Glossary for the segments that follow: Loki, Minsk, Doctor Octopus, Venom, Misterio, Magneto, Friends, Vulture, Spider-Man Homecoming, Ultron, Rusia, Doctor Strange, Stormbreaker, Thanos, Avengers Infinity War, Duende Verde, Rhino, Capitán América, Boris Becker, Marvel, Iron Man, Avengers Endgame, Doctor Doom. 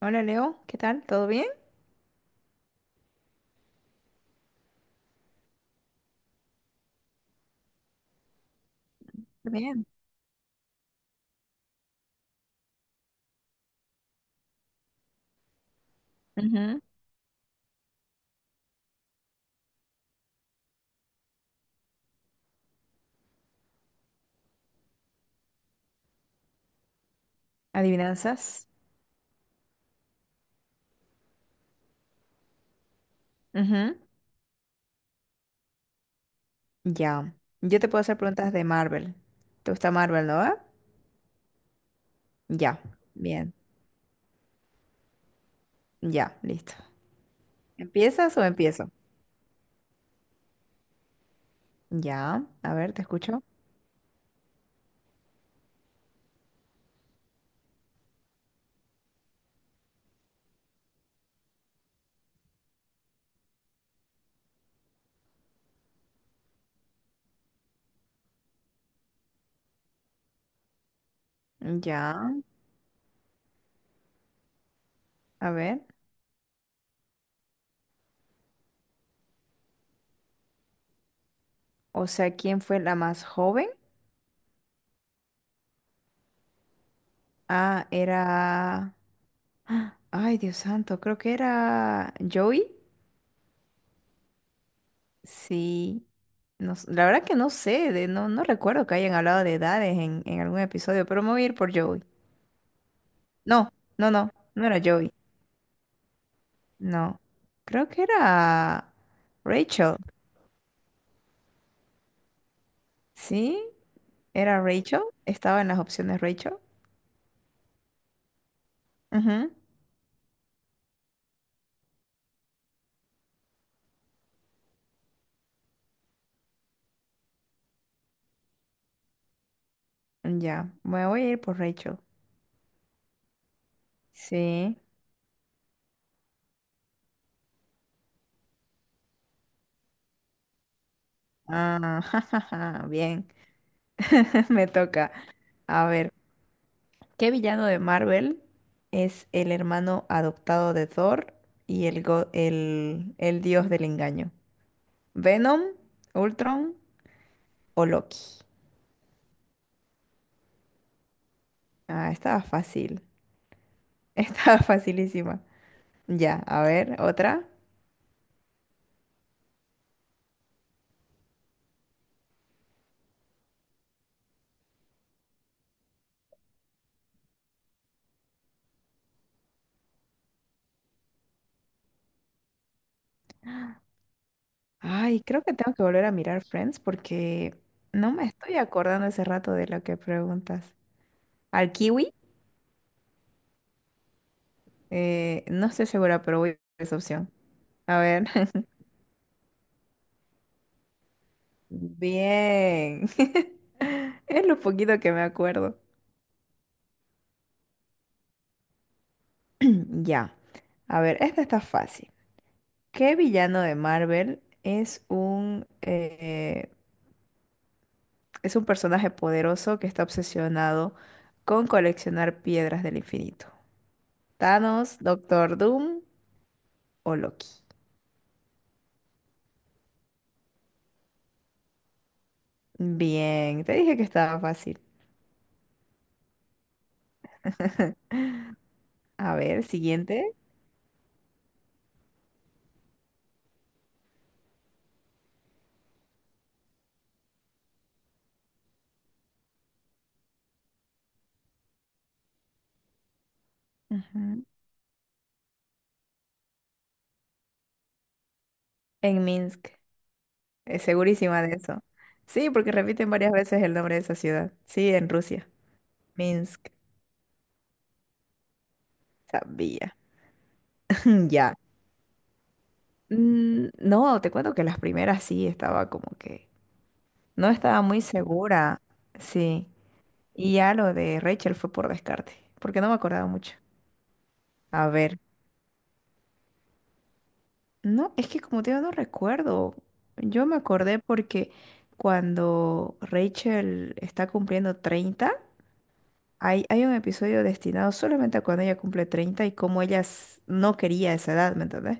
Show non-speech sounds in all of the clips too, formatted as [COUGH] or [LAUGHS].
Hola Leo, ¿qué tal? ¿Todo bien? Todo bien. Ujú. Adivinanzas. Ujú. Ya. Yo te puedo hacer preguntas de Marvel. ¿Te gusta Marvel, no? Ya. Bien. Ya, listo. ¿Empiezas o empiezo? Ya. A ver, te escucho. Ya. A ver. O sea, ¿quién fue la más joven? Ah, era... ¡Ah! Ay, Dios santo, creo que era Joey. Sí. No s- La verdad que no sé, no, no recuerdo que hayan hablado de edades en algún episodio, pero me voy a ir por Joey. No, no, no, no era Joey. No. Creo que era Rachel. ¿Sí? ¿Era Rachel? Estaba en las opciones Rachel. Ujú. Ya, me voy a ir por Rachel. Sí. Ah, [LAUGHS] jajaja, bien, [LAUGHS] me toca. A ver, ¿qué villano de Marvel es el hermano adoptado de Thor y el dios del engaño? ¿Venom, Ultron o Loki? Ah, estaba fácil. [LAUGHS] Estaba facilísima. Ya, a ver, otra. Ay, creo que tengo que volver a mirar Friends porque no me estoy acordando ese rato de lo que preguntas. ¿Al kiwi? No estoy segura, pero voy a esa opción. A ver. [LAUGHS] Bien. [LAUGHS] Es lo poquito que me acuerdo. [CLEARS THROAT] Ya. A ver, esta está fácil. ¿Qué villano de Marvel es es un personaje poderoso que está obsesionado con coleccionar piedras del infinito? Thanos, Doctor Doom o Loki. Bien, te dije que estaba fácil. A ver, siguiente. Ujú. En Minsk. Es segurísima de eso. Sí, porque repiten varias veces el nombre de esa ciudad. Sí, en Rusia. Minsk. Sabía. [LAUGHS] [CLEARS THROAT] Ya. No, te cuento que las primeras sí estaba como que no estaba muy segura. Sí. Y ya lo de Rachel fue por descarte, porque no me acordaba mucho. A ver. No, es que como te digo, no recuerdo. Yo me acordé porque cuando Rachel está cumpliendo 30, hay un episodio destinado solamente a cuando ella cumple 30 y cómo no quería esa edad, ¿me entendés?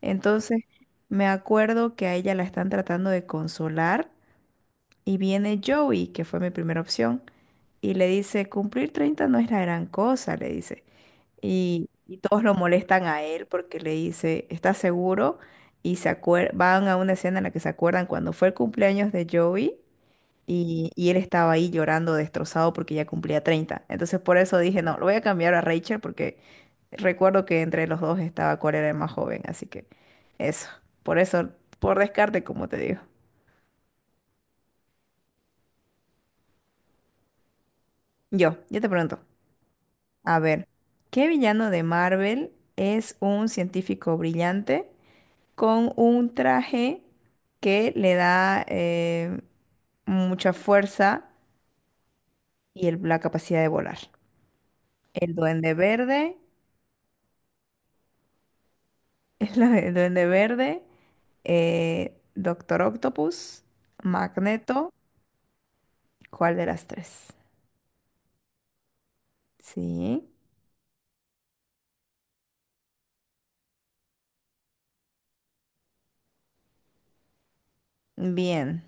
Entonces, me acuerdo que a ella la están tratando de consolar y viene Joey, que fue mi primera opción, y le dice, cumplir 30 no es la gran cosa, le dice y todos lo molestan a él porque le dice, ¿estás seguro? Y van a una escena en la que se acuerdan cuando fue el cumpleaños de Joey y él estaba ahí llorando destrozado porque ya cumplía 30. Entonces por eso dije, no, lo voy a cambiar a Rachel porque recuerdo que entre los dos estaba cuál era el más joven, así que eso, por eso, por descarte, como te digo. Yo te pregunto, a ver, ¿qué villano de Marvel es un científico brillante, con un traje que le da mucha fuerza y la capacidad de volar? El duende verde, [LAUGHS] duende verde, Doctor Octopus, Magneto, ¿cuál de las tres? Sí, bien,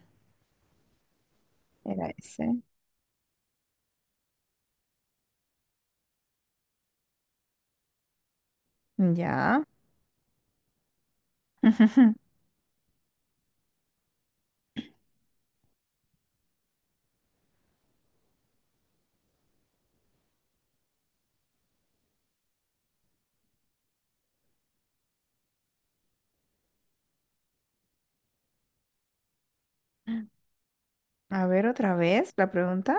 era ese. Ya. [LAUGHS] A ver otra vez la pregunta.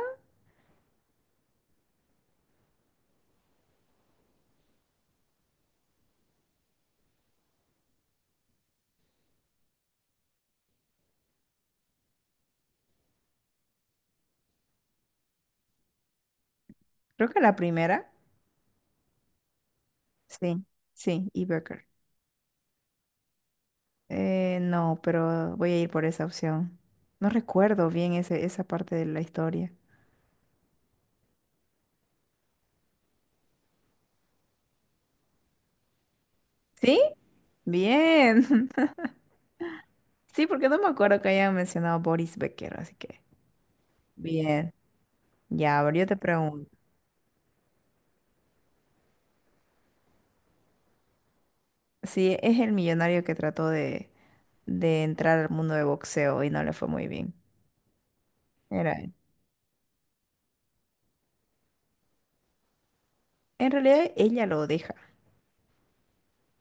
Creo que la primera. Sí, sí, y Becker. No, pero voy a ir por esa opción. No recuerdo bien esa parte de la historia. ¿Sí? Bien. [LAUGHS] Sí, porque no me acuerdo que hayan mencionado Boris Becker, así que. Bien. Ya, ahora yo te pregunto. Sí, es el millonario que trató de entrar al mundo de boxeo y no le fue muy bien. Era él. En realidad, ella lo deja.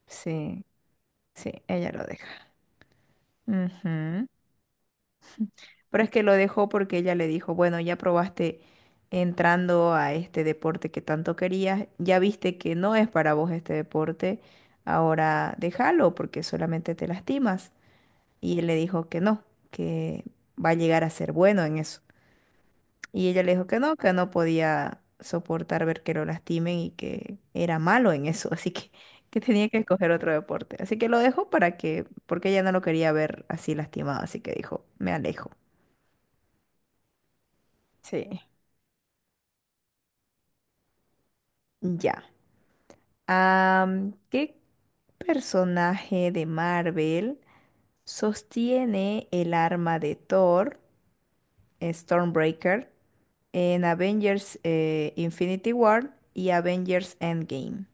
Sí, sí, ella lo deja. Ujú. Pero es que lo dejó porque ella le dijo, bueno, ya probaste entrando a este deporte que tanto querías, ya viste que no es para vos este deporte, ahora déjalo porque solamente te lastimas. Y él le dijo que no, que va a llegar a ser bueno en eso. Y ella le dijo que no podía soportar ver que lo lastimen y que era malo en eso, [LAUGHS] así que tenía que escoger otro deporte. Así que lo dejó para que, porque ella no lo quería ver así lastimado, así que dijo, me alejo. Sí. Ya. ¿Qué personaje de Marvel sostiene el arma de Thor, Stormbreaker, en Avengers Infinity War y Avengers Endgame?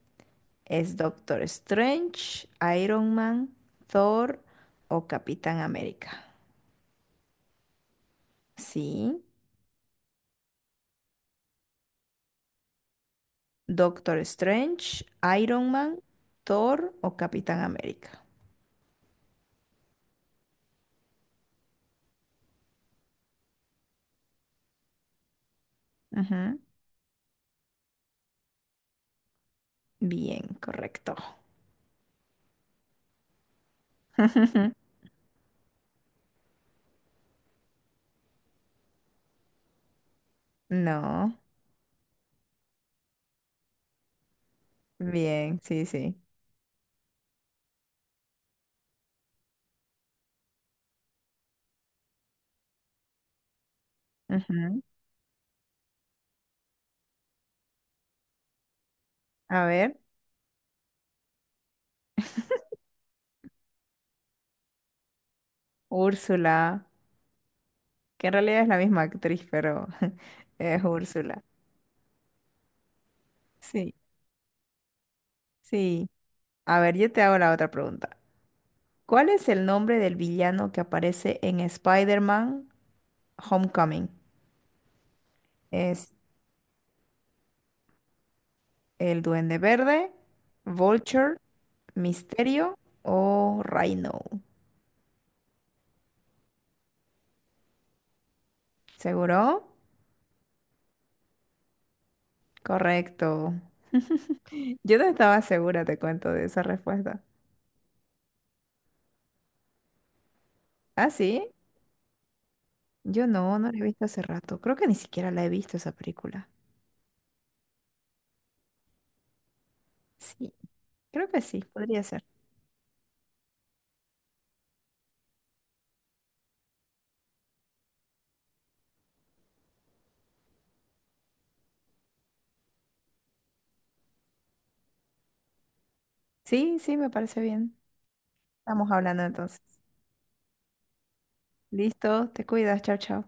¿Es Doctor Strange, Iron Man, Thor o Capitán América? Sí, Doctor Strange, Iron Man, Thor o Capitán América. Ujú. Bien, correcto. [LAUGHS] No. Bien, sí, sí. Ujú. A ver, Úrsula, que en realidad es la misma actriz, pero [LAUGHS] es Úrsula. Sí, sí. A ver, yo te hago la otra pregunta. ¿Cuál es el nombre del villano que aparece en Spider-Man Homecoming? ¿Es el Duende Verde, Vulture, Misterio o Rhino? ¿Seguro? Correcto. Yo no estaba segura, te cuento, de esa respuesta. ¿Ah, sí? Yo no, no la he visto hace rato. Creo que ni siquiera la he visto esa película. Sí, creo que sí, podría ser. Sí, sí, me parece bien. Estamos hablando entonces. Listo, te cuidas, chao, chao.